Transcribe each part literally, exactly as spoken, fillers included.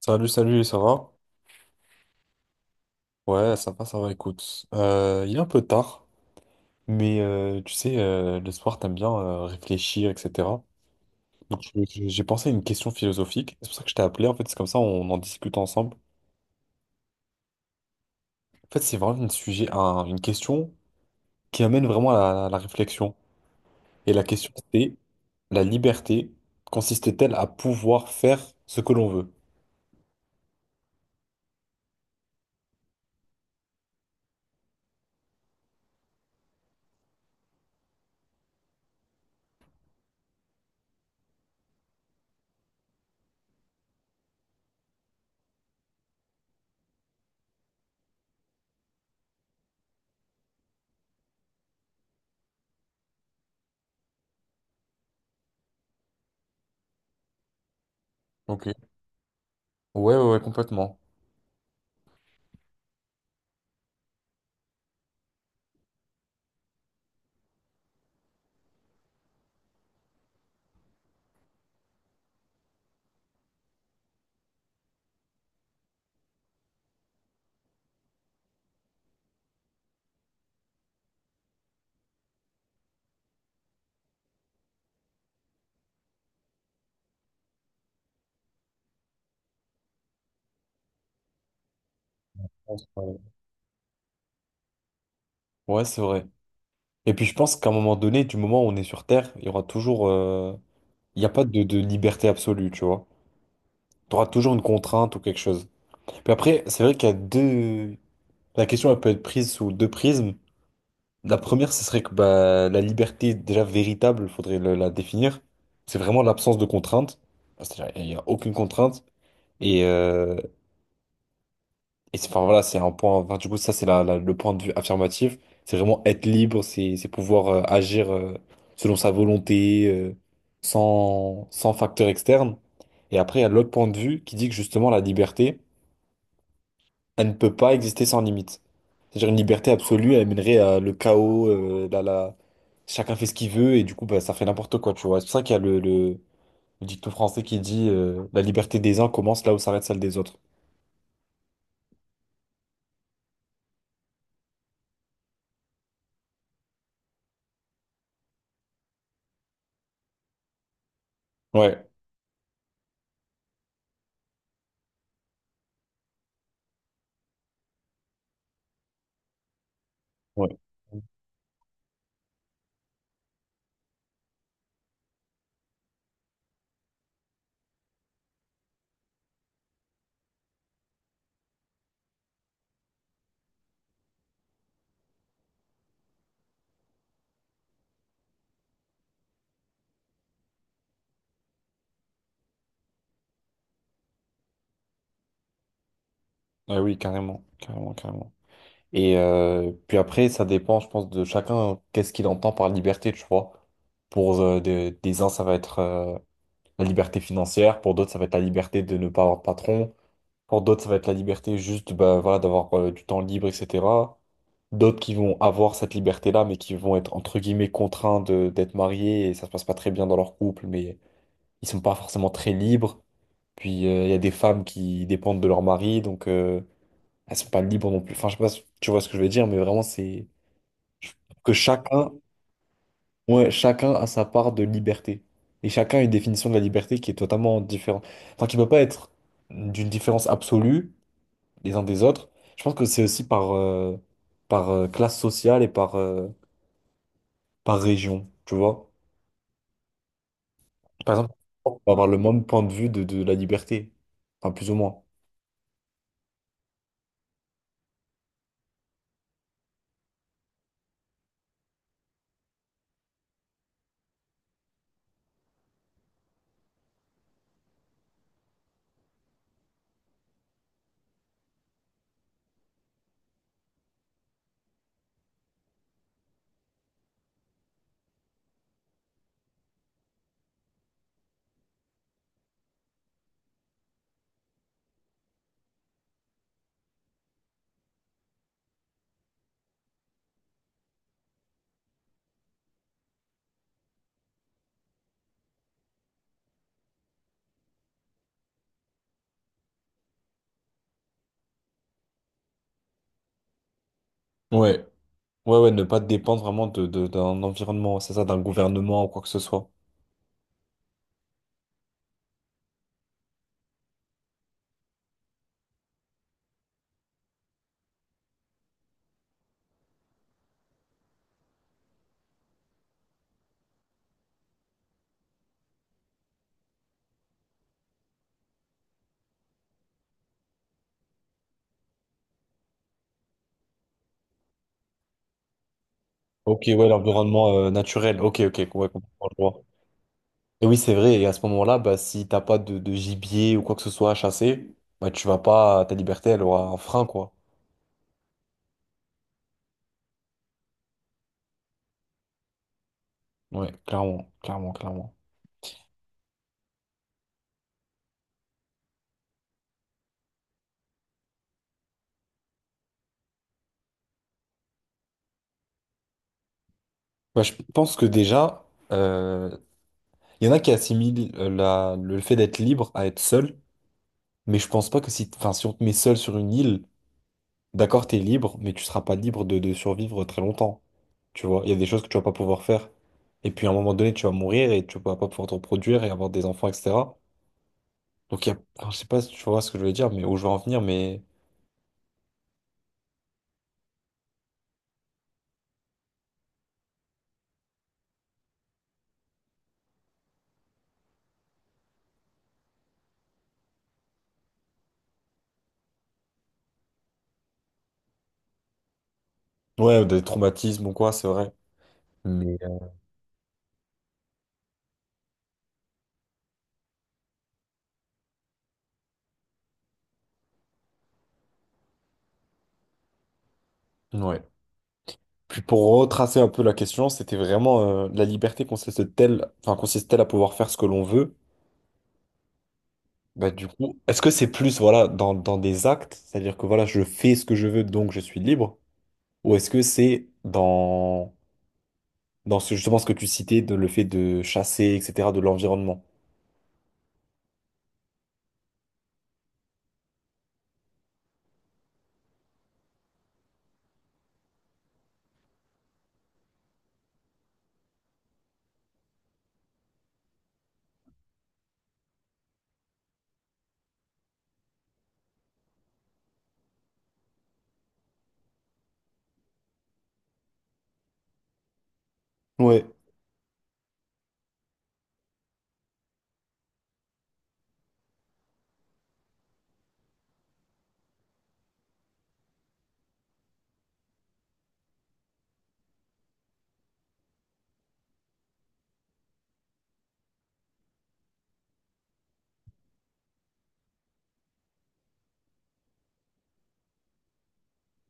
Salut, salut, ça va? Ouais, ça va, ça va, écoute. Euh, il est un peu tard, mais euh, tu sais, euh, le soir, t'aimes bien euh, réfléchir, et cetera. Donc, je- je- j'ai pensé à une question philosophique. C'est pour ça que je t'ai appelé, en fait, c'est comme ça, on en discute ensemble. En fait, c'est vraiment un sujet, un- une question qui amène vraiment à la, à la réflexion. Et la question, c'est la liberté consiste-t-elle à pouvoir faire ce que l'on veut? Ok. Ouais, ouais, ouais, complètement. Ouais, c'est vrai. Et puis je pense qu'à un moment donné, du moment où on est sur Terre, il y aura toujours... euh, il n'y a pas de, de liberté absolue, tu vois. Tu auras toujours une contrainte ou quelque chose. Puis après, c'est vrai qu'il y a deux... La question, elle peut être prise sous deux prismes. La première, ce serait que bah, la liberté déjà véritable, il faudrait le- la définir. C'est vraiment l'absence de contrainte. Enfin, c'est-à-dire, il n'y a aucune contrainte. Et, euh, Et c'est, enfin voilà, c'est un point. Enfin, du coup, ça, c'est la, la- le point de vue affirmatif. C'est vraiment être libre, c'est c'est pouvoir euh, agir euh, selon sa volonté, euh, sans, sans facteur externe. Et après, il y a l'autre point de vue qui dit que justement, la liberté, elle ne peut pas exister sans limite. C'est-à-dire une liberté absolue, elle mènerait à le chaos, euh, la, la- chacun fait ce qu'il veut, et du coup, bah, ça fait n'importe quoi, tu vois. C'est pour ça qu'il y a le, le, le dicton français qui dit euh, la liberté des uns commence là où s'arrête celle des autres. Ouais, ouais. Ouais, oui, carrément, carrément, carrément. Et euh, puis après, ça dépend, je pense, de chacun, qu'est-ce qu'il entend par liberté, tu vois. Pour euh, de- des uns, ça va être euh, la liberté financière, pour d'autres, ça va être la liberté de ne pas avoir de patron, pour d'autres, ça va être la liberté juste bah, voilà, d'avoir euh, du temps libre, et cetera. D'autres qui vont avoir cette liberté-là, mais qui vont être, entre guillemets, contraints de, d'être mariés, et ça se passe pas très bien dans leur couple, mais ils sont pas forcément très libres. Puis euh, il y a des femmes qui dépendent de leur mari, donc... euh, elles sont pas libres non plus. Enfin, je sais pas si tu vois ce que je veux dire, mais vraiment, c'est je trouve que chacun, ouais, chacun a sa part de liberté. Et chacun a une définition de la liberté qui est totalement différente. Enfin, qui peut pas être d'une différence absolue les uns des autres. Je pense que c'est aussi par, euh, par euh, classe sociale et par, euh, par région, tu vois. Par exemple, on va avoir le même point de vue de, de la liberté. Enfin, plus ou moins. Ouais. Ouais, ouais, ne pas dépendre vraiment de, de- d'un environnement, c'est ça, d'un gouvernement ou quoi que ce soit. Ok, ouais, l'environnement euh, naturel. Ok, ok, ouais, complètement, je vois. Et oui, c'est vrai, et à ce moment-là, bah, si t'as pas de, de gibier ou quoi que ce soit à chasser, bah, tu vas pas, ta liberté, elle aura un frein, quoi. Ouais, clairement, clairement, clairement. Bah, je pense que déjà, euh, il y en a qui assimilent euh, la, le fait d'être libre à être seul, mais je pense pas que si, enfin, si on te met seul sur une île, d'accord, t'es libre, mais tu seras pas libre de, de survivre très longtemps. Tu vois, il y a des choses que tu vas pas pouvoir faire. Et puis à un moment donné, tu vas mourir et tu vas pas pouvoir te reproduire et avoir des enfants, et cetera. Donc il y a, alors, je sais pas si tu vois ce que je veux dire, mais où je veux en venir, mais ouais, des traumatismes ou quoi, c'est vrai. Mais euh, ouais. Puis pour retracer un peu la question, c'était vraiment euh, la liberté consiste-t-elle, enfin consiste-t-elle à pouvoir faire ce que l'on veut? Bah du coup, est-ce que c'est plus voilà dans, dans des actes, c'est-à-dire que voilà, je fais ce que je veux, donc je suis libre, ou est-ce que c'est dans dans ce, justement ce que tu citais, de le fait de chasser, et cetera, de l'environnement. Ouais.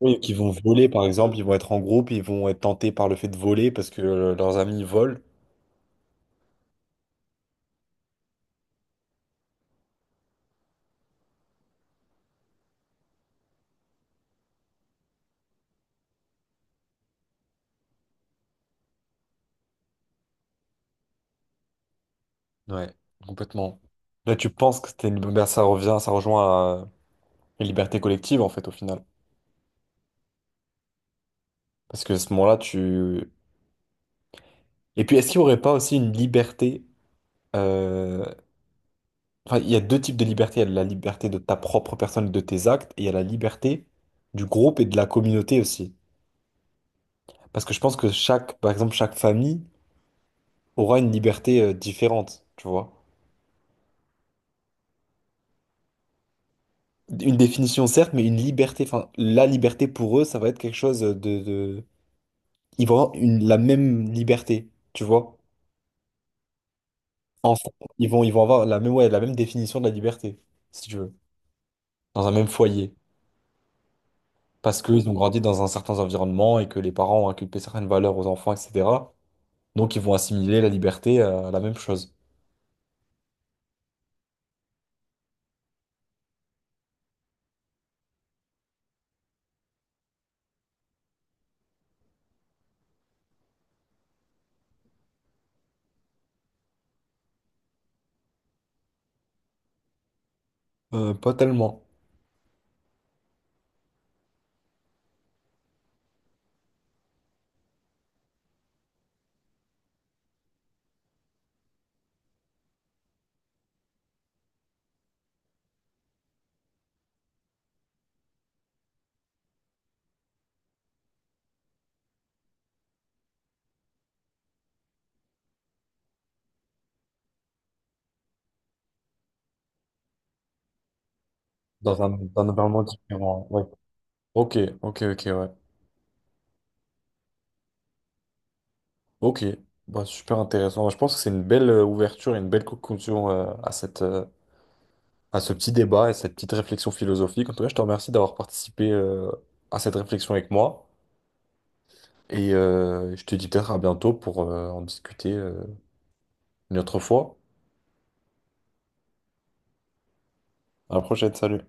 Oui, qui vont voler, par exemple, ils vont être en groupe, ils vont être tentés par le fait de voler parce que euh, leurs amis volent. Ouais, complètement. Là, tu penses que c'était une... ben, ça revient, ça rejoint à une liberté collective, en fait, au final. Parce que à ce moment-là, tu... Et puis, est-ce qu'il n'y aurait pas aussi une liberté... euh, enfin, il y a deux types de liberté. Il y a la liberté de ta propre personne, et de tes actes, et il y a la liberté du groupe et de la communauté aussi. Parce que je pense que chaque, par exemple, chaque famille aura une liberté euh, différente, tu vois. Une définition, certes, mais une liberté. Enfin, la liberté pour eux, ça va être quelque chose de, de... Ils vont avoir une, la même liberté, tu vois. Ensemble, ils vont, ils vont avoir la même, ouais, la même définition de la liberté, si tu veux, dans un même foyer. Parce qu'ils ont grandi dans un certain environnement et que les parents ont inculqué certaines valeurs aux enfants, et cetera. Donc, ils vont assimiler la liberté à la même chose. Euh, pas tellement. Dans un, dans un environnement différent. Ouais. Ok, ok, ok, ouais. Ok, bah, super intéressant. Bah, je pense que c'est une belle euh, ouverture et une belle conclusion euh, à cette, euh, à ce petit débat et cette petite réflexion philosophique. En tout cas, je te remercie d'avoir participé euh, à cette réflexion avec moi. Et euh, je te dis peut-être à bientôt pour euh, en discuter euh, une autre fois. À la prochaine, salut.